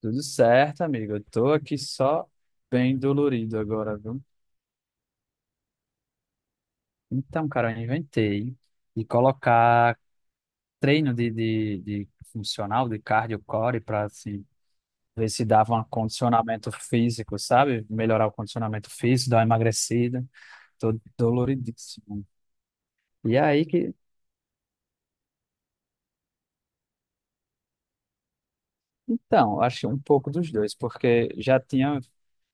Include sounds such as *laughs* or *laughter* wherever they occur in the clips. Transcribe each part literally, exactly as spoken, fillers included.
Tudo certo, amigo. Eu tô aqui só bem dolorido agora, viu? Então, cara, eu inventei de colocar treino de, de, de funcional, de cardio core, pra assim, ver se dava um condicionamento físico, sabe? Melhorar o condicionamento físico, dar uma emagrecida. Tô doloridíssimo. E aí que. Então, eu acho que um pouco dos dois, porque já tinha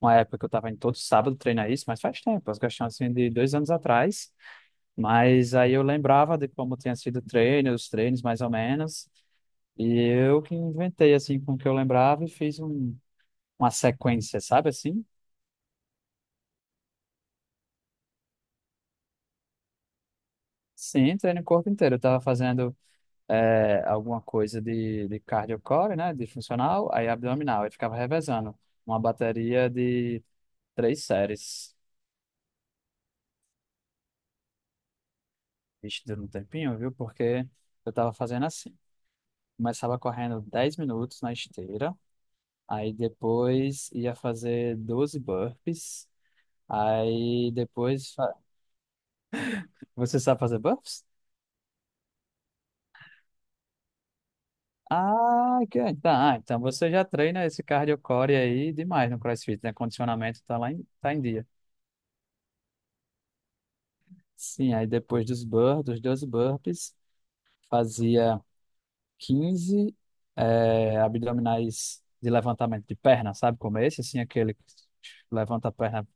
uma época que eu tava indo todo sábado treinar isso, mas faz tempo, as questões assim de dois anos atrás. Mas aí eu lembrava de como tinha sido o treino, os treinos mais ou menos, e eu que inventei assim com o que eu lembrava e fiz um, uma sequência, sabe assim? Sim, treino o corpo inteiro. Eu tava fazendo eh, alguma coisa de, de cardio core, né, de funcional, aí abdominal, aí ficava revezando uma bateria de três séries. Vixe, deu um tempinho, viu? Porque eu tava fazendo assim. Começava correndo dez minutos na esteira, aí depois ia fazer doze burpees. Aí depois fa- Você sabe fazer buffs? Ah, que- tá. Ah, então você já treina esse cardio core aí demais no CrossFit, né? Condicionamento tá lá em, tá em dia. Sim, aí depois dos burpees, dos doze burpees, fazia quinze eh, abdominais de levantamento de perna, sabe como é esse? Assim, aquele que levanta a perna.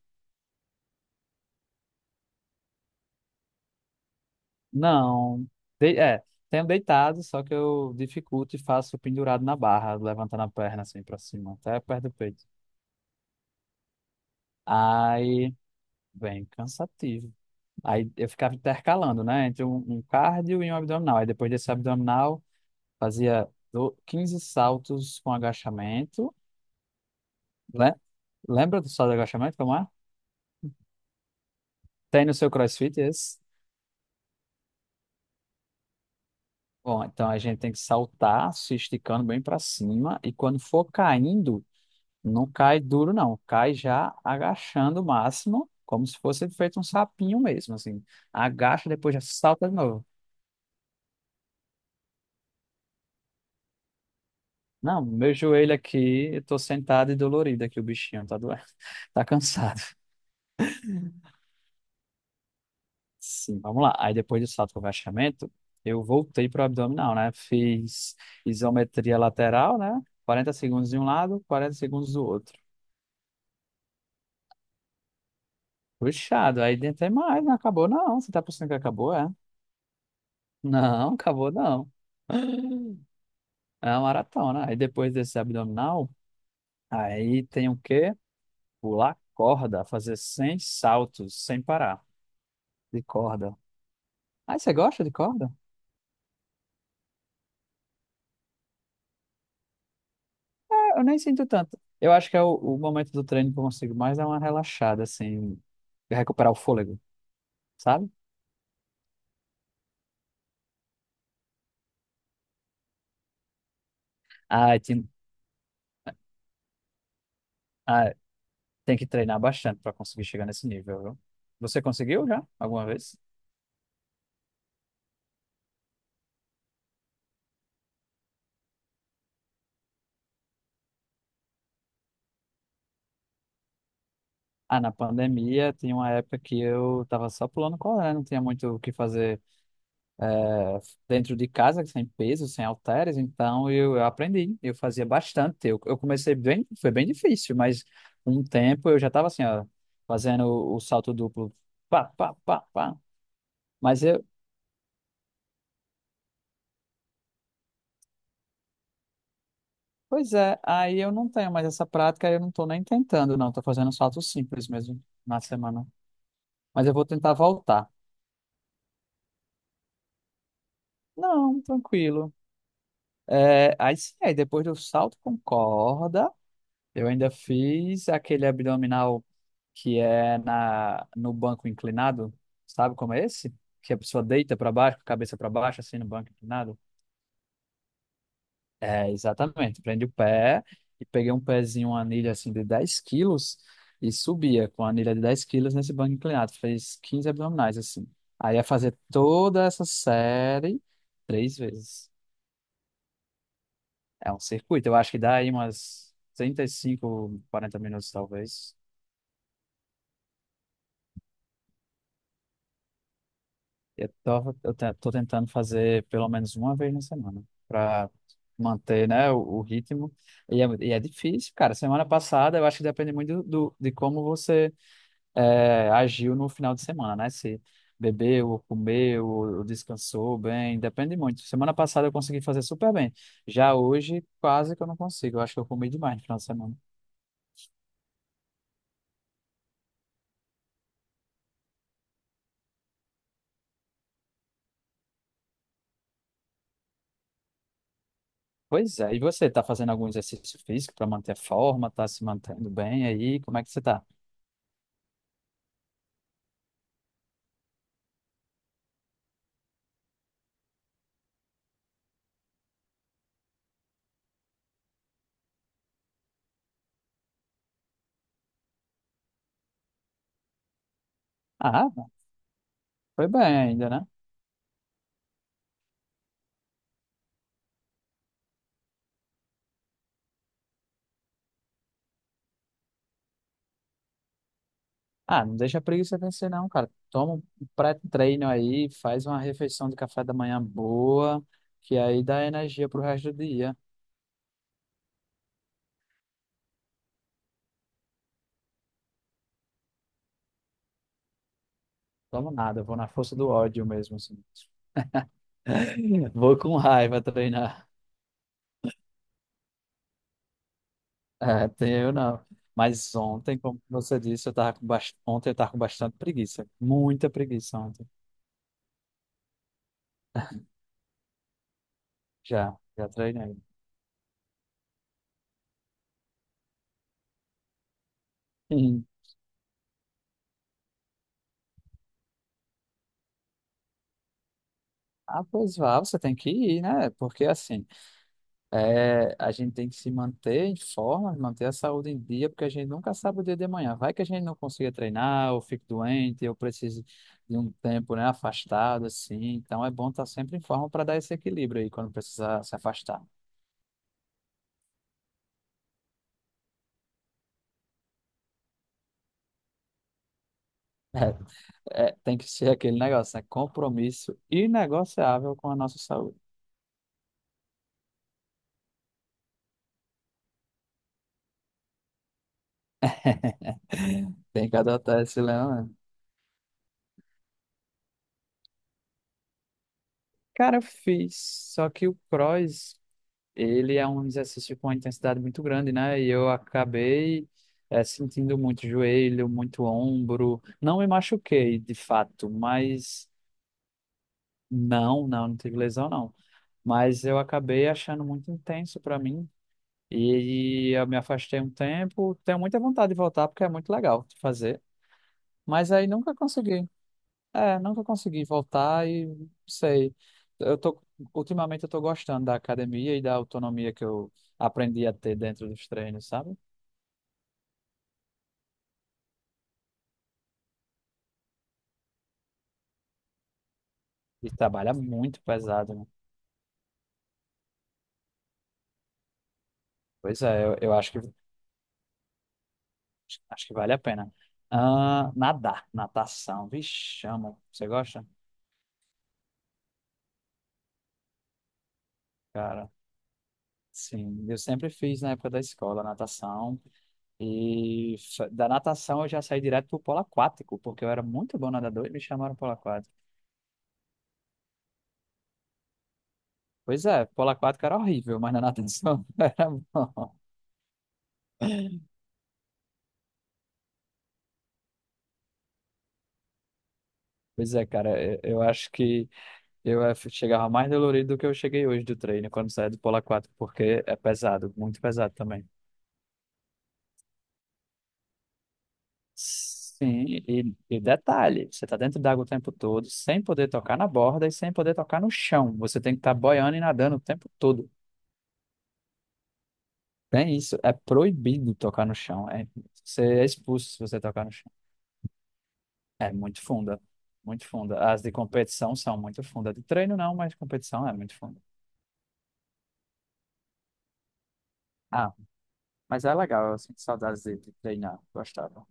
Não, de- é, tenho deitado, só que eu dificulto e faço pendurado na barra, levantando a perna assim pra cima, até perto do peito. Aí bem cansativo. Aí eu ficava intercalando, né? Entre um, um cardio e um abdominal. Aí depois desse abdominal, fazia do- quinze saltos com agachamento. Le- Lembra do salto de agachamento, como é? Tem no seu CrossFit esse? Bom, então a gente tem que saltar, se esticando bem para cima. E quando for caindo, não cai duro, não. Cai já agachando o máximo, como se fosse feito um sapinho mesmo, assim. Agacha, depois já salta de novo. Não, meu joelho aqui, eu tô sentado e dolorido aqui, o bichinho tá doendo, *laughs* tá cansado. Sim, vamos lá. Aí depois do salto com agachamento, eu voltei pro abdominal, né? Fiz isometria lateral, né? Quarenta segundos de um lado, quarenta segundos do outro. Puxado, aí tentei mais, não acabou não. Você tá pensando que acabou, é? Não, acabou não. *laughs* É uma maratona. Aí depois desse abdominal, aí tem o quê? Pular corda, fazer cem saltos sem parar de corda. Ah, você gosta de corda? Ah, eu nem sinto tanto. Eu acho que é o, o momento do treino que eu consigo mais dar uma relaxada, assim, recuperar o fôlego, sabe? Ah, tem, ah, tem que treinar bastante para conseguir chegar nesse nível, viu? Você conseguiu já alguma vez? Ah, na pandemia tinha uma época que eu tava só pulando corda, né? Não tinha muito o que fazer eh, dentro de casa, sem peso, sem halteres, então eu, eu aprendi, eu fazia bastante. Eu, eu comecei bem, foi bem difícil, mas um tempo eu já estava assim, ó, fazendo o, o salto duplo, pá, pá, pá, pá. Mas eu, Pois é, aí eu não tenho mais essa prática, eu não estou nem tentando, não, estou fazendo um salto simples mesmo na semana. Mas eu vou tentar voltar. Não, tranquilo. É, aí sim, aí depois do salto com corda, eu ainda fiz aquele abdominal que é na, no banco inclinado, sabe como é esse? Que a pessoa deita para baixo, com a cabeça para baixo, assim, no banco inclinado. É, exatamente. Prende o pé e peguei um pezinho, uma anilha assim de dez quilos e subia com a anilha de dez quilos nesse banco inclinado. Fez quinze abdominais, assim. Aí ia fazer toda essa série três vezes. É um circuito. Eu acho que dá aí umas trinta e cinco quarenta minutos, talvez. Eu tava, eu te- Tô tentando fazer pelo menos uma vez na semana para manter, né, o, o ritmo. E é, e é difícil, cara. Semana passada, eu acho que depende muito do, do- de como você é, agiu no final de semana, né? Se bebeu, ou comeu, ou descansou bem, depende muito. Semana passada eu consegui fazer super bem. Já hoje, quase que eu não consigo. Eu acho que eu comi demais no final de semana. Pois é. E você, tá fazendo algum exercício físico para manter a forma? Tá se mantendo bem aí? Como é que você tá? Ah, foi bem ainda, né? Ah, não deixa a preguiça vencer, não, cara. Toma um pré-treino aí, faz uma refeição de café da manhã boa, que aí dá energia pro resto do dia. Tomo nada, vou na força do ódio mesmo, assim. *laughs* Vou com raiva treinar. É, tem eu não. Mas ontem, como você disse, eu tava com bast... ontem eu tava com bastante preguiça. Muita preguiça ontem. Já, já treinei. Sim. Ah, pois vá, você tem que ir, né? Porque assim. É, a gente tem que se manter em forma, manter a saúde em dia, porque a gente nunca sabe o dia de amanhã. Vai que a gente não consiga treinar, ou fique doente, ou precise de um tempo, né, afastado, assim. Então é bom estar sempre em forma para dar esse equilíbrio aí quando precisar se afastar. É, é, tem que ser aquele negócio, né? Compromisso inegociável com a nossa saúde. *laughs* Tem que adotar esse leão, né? Cara, eu fiz, só que o cross, ele é um exercício com uma intensidade muito grande, né? E eu acabei eh, sentindo muito joelho, muito ombro. Não me machuquei, de fato, mas não, não, não tive lesão, não. Mas eu acabei achando muito intenso para mim. E eu me afastei um tempo. Tenho muita vontade de voltar porque é muito legal de fazer. Mas aí nunca consegui. É, nunca consegui voltar e não sei. Eu tô, Ultimamente eu tô gostando da academia e da autonomia que eu aprendi a ter dentro dos treinos, sabe? E trabalha muito pesado, né? Pois é, eu, eu acho que acho que vale a pena. Ah, nadar, natação, vixe, amo. Você gosta? Cara, sim. Eu sempre fiz na época da escola natação e fa- da natação eu já saí direto pro polo aquático, porque eu era muito bom nadador e me chamaram para o polo aquático. Pois é, polo aquático era horrível, mas na natação *laughs* era bom. Pois é, cara, eu, eu acho que eu eh, chegava mais dolorido do que eu cheguei hoje do treino quando saí do polo aquático, porque é pesado, muito pesado também. Sim, e, e detalhe, você tá dentro d'água o tempo todo, sem poder tocar na borda e sem poder tocar no chão. Você tem que estar boiando e nadando o tempo todo. Tem isso, é proibido tocar no chão. É, você é expulso se você tocar no chão. É muito funda, muito funda. As de competição são muito funda. De treino não, mas competição é muito funda. Ah, mas é legal, eu sinto saudades de, de treinar, gostava.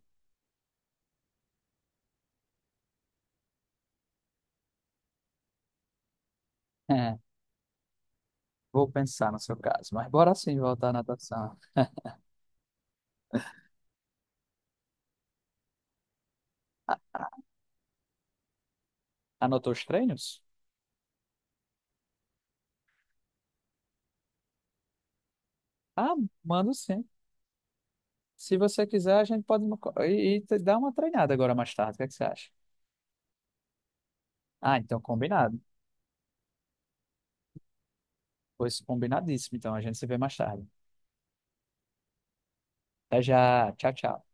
É, vou pensar no seu caso, mas bora sim voltar à natação. Anotou os treinos? Ah, mando sim. Se você quiser, a gente pode mo- e, e te- dar uma treinada agora mais tarde, o que é que você acha? Ah, então combinado. Pois combinadíssimo, então a gente se vê mais tarde. Até já, tchau, tchau.